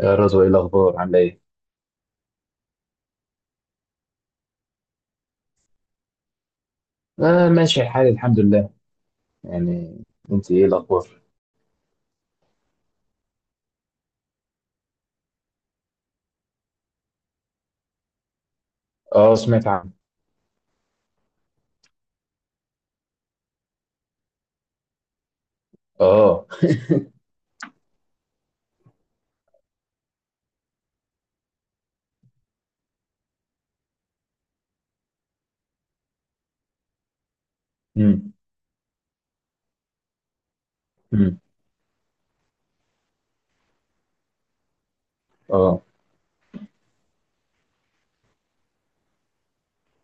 يا رضوى، ايه الاخبار؟ عامله ايه؟ آه، ماشي الحال الحمد لله يعني. انت ايه الاخبار؟ اه، سمعت عنه. اه. امم. امم. اه.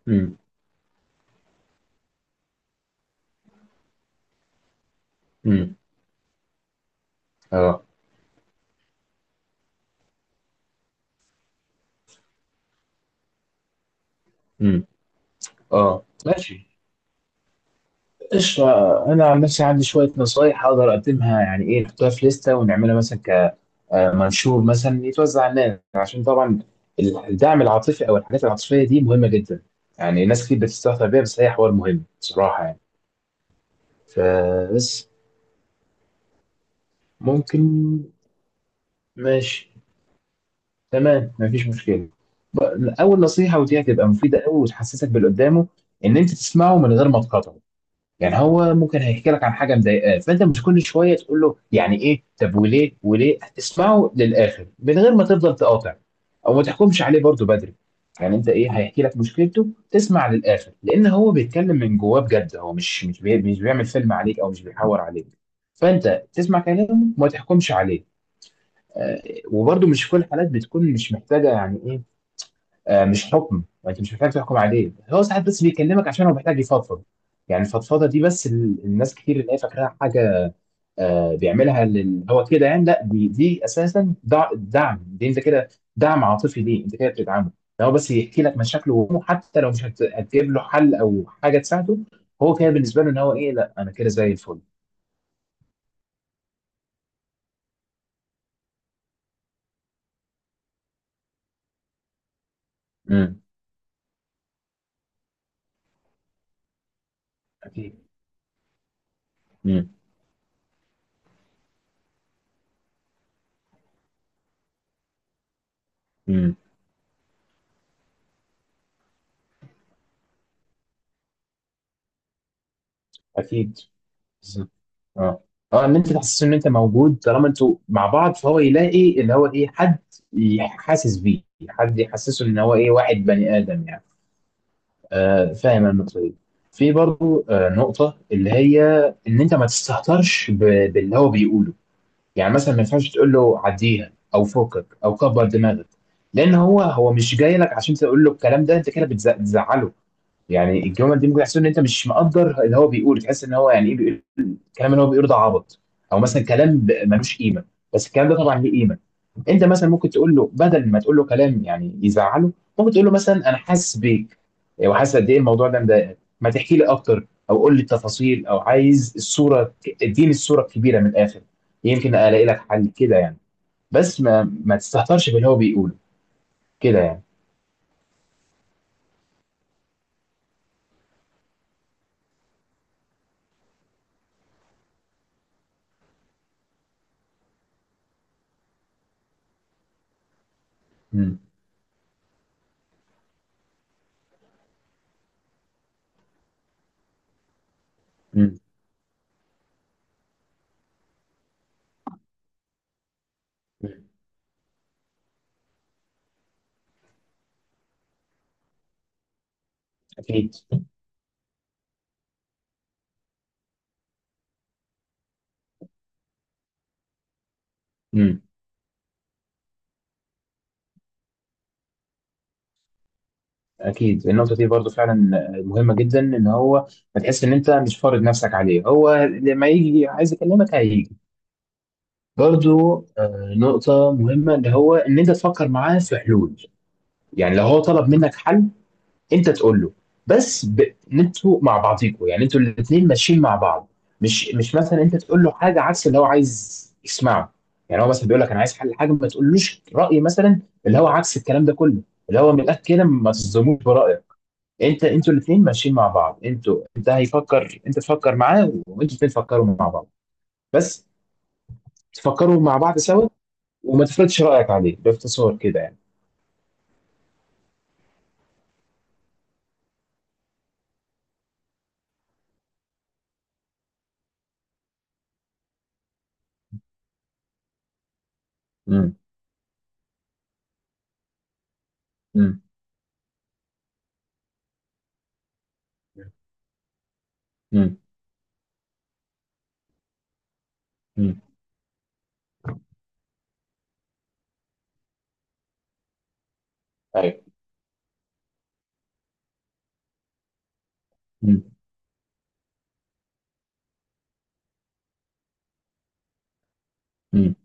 امم. امم. اه. امم. اه، ماشي. قشطة. أنا عن نفسي عندي شوية نصايح أقدر أقدمها، يعني إيه، نحطها في لستة ونعملها مثلا كمنشور مثلا يتوزع على الناس، عشان طبعا الدعم العاطفي أو الحاجات العاطفية دي مهمة جدا. يعني ناس كتير بتستهتر بيها بس هي حوار مهم بصراحة يعني. فبس. ممكن. ماشي. تمام، مفيش مشكله. اول نصيحه، ودي هتبقى مفيده قوي وتحسسك باللي قدامه، ان انت تسمعه من غير ما تقاطعه. يعني هو ممكن هيحكي لك عن حاجه مضايقاه، فانت مش كل شويه تقول له يعني ايه؟ طب وليه وليه؟ اسمعه للاخر من غير ما تفضل تقاطع. او ما تحكمش عليه برضه بدري. يعني انت ايه، هيحكي لك مشكلته، تسمع للاخر لان هو بيتكلم من جواه بجد. هو مش بيعمل فيلم عليك، او مش بيحور عليك. فانت تسمع كلامه وما تحكمش عليه. آه. وبرضه مش في كل الحالات بتكون مش محتاجه يعني ايه. آه، مش حكم، وانت مش محتاج تحكم عليه. هو ساعات بس بيكلمك عشان هو محتاج يفضفض. يعني الفضفضه دي، بس الناس كتير اللي هي فاكراها حاجه. آه، هو كده يعني. لا، دي اساسا دعم. دي انت كده دعم عاطفي، ليه انت كده بتدعمه. ده هو بس يحكي لك مشاكله وهمه، حتى لو مش هت- هتجيب له حل او حاجه تساعده، هو كده بالنسبه له. ان هو ايه، لا انا كده زي الفل. امم. اكيد. امم. امم. اكيد. بالظبط. اه. اه، ان انت تحسسه ان انت موجود، طالما انتوا مع بعض، فهو يلاقي اللي هو ايه، حد يحاسس بيه، حد يحسسه ان هو ايه، واحد بني ادم يعني. آه، فاهم النقطه دي. في برضو آه نقطه، اللي هي ان انت ما تستهترش باللي هو بيقوله. يعني مثلا ما ينفعش تقول له عديها، او فوقك، او كبر دماغك. لان هو مش جاي لك عشان تقول له الكلام ده، انت كده بتزعله. يعني الجمل دي ممكن يحسسه ان انت مش مقدر اللي هو بيقوله. تحس ان هو يعني ايه، بيقول الكلام اللي هو بيقول ده عبط، او مثلا كلام ملوش قيمه. بس الكلام ده طبعا ليه قيمه. انت مثلا ممكن تقول له بدل ما تقول له كلام يعني يزعله، ممكن تقول له مثلا انا حاسس بيك، وحاسس قد ايه الموضوع ده مضايقك. ما تحكي لي اكتر، او قول لي التفاصيل، او عايز الصوره، اديني الصوره الكبيره من الاخر، يمكن الاقي لك حل كده يعني. بس ما تستهترش باللي هو بيقوله كده يعني. امم. امم. أمم. اكيد. امم. اكيد، النقطه دي برضو فعلا آه، مهمه جدا. ان هو، ما تحس ان انت مش فارض نفسك عليه، هو لما يجي عايز يكلمك هيجي. برضو آه، نقطه مهمه اللي هو ان انت تفكر معاه في حلول. يعني لو هو طلب منك حل، انت تقول له بس ب... ان انتوا مع بعضيكوا، يعني انتوا الاثنين ماشيين مع بعض. مش مثلا انت تقول له حاجه عكس اللي هو عايز يسمعه. يعني هو مثلا بيقول لك انا عايز حل حاجه، ما تقولوش راي مثلا اللي هو عكس الكلام ده كله، اللي هو من الاخر كده ما تصدموش برايك. انت، انتوا الاثنين ماشيين مع بعض، انتوا، انت هيفكر، انت تفكر معاه، وانتوا الاثنين تفكروا مع بعض، بس. تفكروا مع بعض سوا. وما تفرضش رايك عليه باختصار كده يعني. امم. امم. امم. امم. ايوه. امم. امم.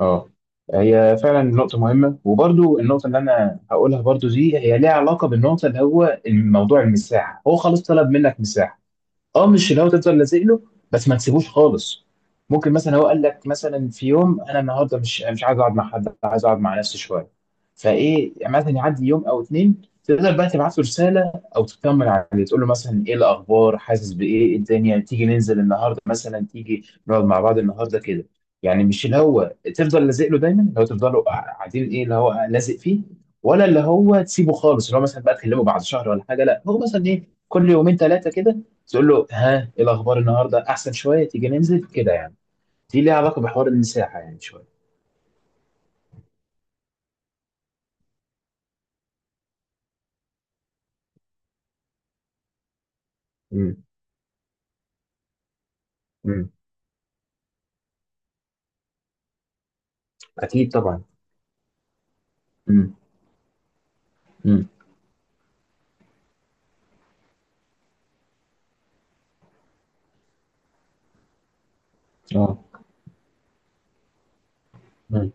اه، هي فعلا نقطة مهمة. وبرضو النقطة اللي أنا هقولها برضو دي هي ليها علاقة بالنقطة اللي هو الموضوع المساحة، هو خلاص طلب منك مساحة، اه مش اللي هو تفضل لازق له، بس ما تسيبوش خالص. ممكن مثلا هو قال لك مثلا في يوم انا النهارده مش عايز اقعد مع حد، عايز اقعد مع نفسي شويه. فايه، يعني مثلا يعدي يوم او اتنين، تقدر بقى تبعت له رساله او تطمن عليه، تقول له مثلا ايه الاخبار، حاسس بايه، إيه الدنيا، تيجي ننزل النهارده مثلا، تيجي نقعد مع بعض النهارده كده. يعني مش اللي هو تفضل لازق له دايما، اللي هو تفضلوا قاعدين، ايه اللي هو لازق فيه، ولا اللي هو تسيبه خالص اللي هو مثلا بقى تكلمه بعد شهر ولا حاجه. لا، هو مثلا ايه، كل يومين ثلاثه كده، تقول له ها، ايه الاخبار النهارده؟ احسن شويه؟ تيجي ننزل كده يعني. دي ليها علاقه بحوار المساحه يعني شويه. امم. امم. اكيد طبعا. امم. امم. اه. امم.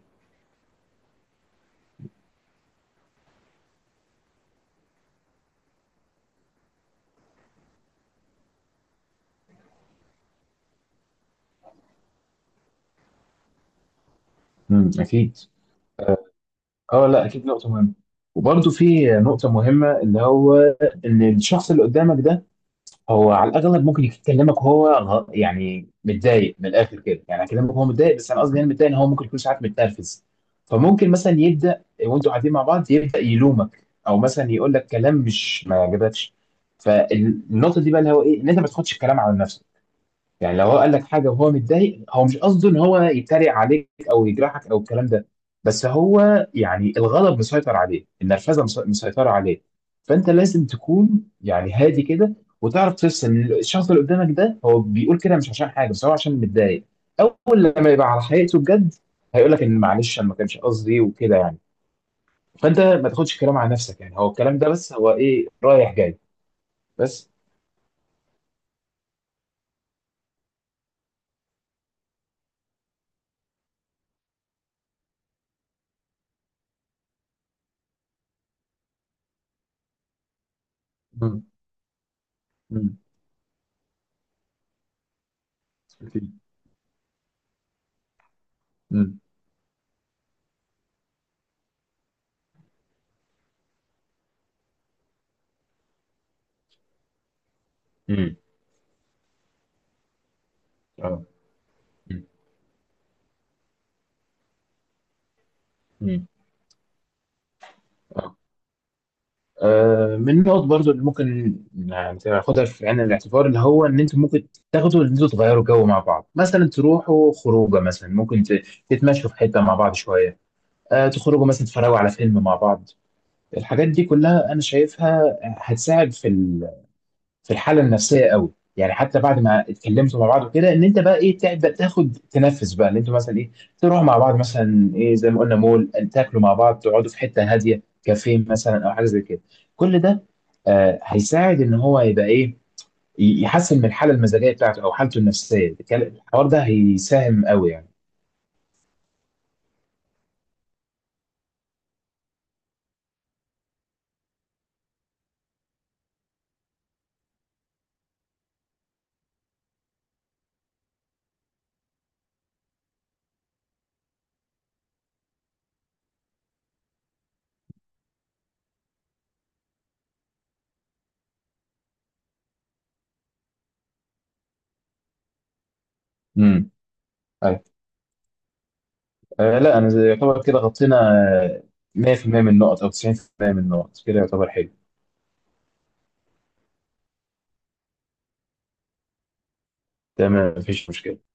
امم. اكيد. اه لا، اكيد نقطه مهمه. وبرضه في نقطه مهمه اللي هو ان الشخص اللي قدامك ده، هو على الاغلب ممكن يكلمك وهو يعني متضايق من الاخر كده. يعني اكلمك وهو متضايق. بس انا قصدي يعني متضايق، ان هو ممكن يكون ساعات متنرفز. فممكن مثلا يبدا وانتوا قاعدين مع بعض يبدا يلومك او مثلا يقول لك كلام مش ما عجبكش. فالنقطه دي بقى اللي هو ايه، ان انت ما تاخدش الكلام على نفسك. يعني لو هو قال لك حاجه وهو متضايق، هو مش قصده ان هو يتريق عليك او يجرحك او الكلام ده. بس هو يعني الغضب مسيطر عليه، النرفزه مسيطره عليه. فانت لازم تكون يعني هادي كده، وتعرف تفصل. الشخص اللي قدامك ده هو بيقول كده مش عشان حاجه بس هو عشان متضايق. اول لما يبقى على حقيقته بجد، هيقول لك ان معلش انا ما كانش قصدي وكده يعني. فانت ما تاخدش الكلام على نفسك يعني. هو الكلام ده بس هو ايه، رايح جاي بس. مم. مم. أكيد. مم. امم. اه. مم. مم. آه. آه، من النقط برضو اللي ممكن يعني تاخدها في عين الاعتبار، اللي هو ان انتوا ممكن تاخدوا، ان انتوا تغيروا جو مع بعض، مثلا تروحوا خروجه، مثلا ممكن تتمشوا في حته مع بعض شويه. آه، تخرجوا مثلا تتفرجوا على فيلم مع بعض. الحاجات دي كلها انا شايفها هتساعد في، في الحاله النفسيه قوي يعني. حتى بعد ما اتكلمتوا مع بعض وكده، ان انت بقى ايه، تبدا تاخد تنفس بقى، ان انتوا مثلا ايه، تروحوا مع بعض مثلا ايه زي ما قلنا مول، تاكلوا مع بعض، تقعدوا في حته هاديه كافيه مثلا او حاجه زي كده. كل ده آه هيساعد ان هو يبقى ايه، يحسن من الحاله المزاجيه بتاعته او حالته النفسيه. الحوار ده هيساهم قوي يعني. امم. طيب. آه لا، انا يعتبر كده غطينا آه، 100% من النقط او 90% من النقط كده يعتبر حلو. تمام، مفيش مشكله.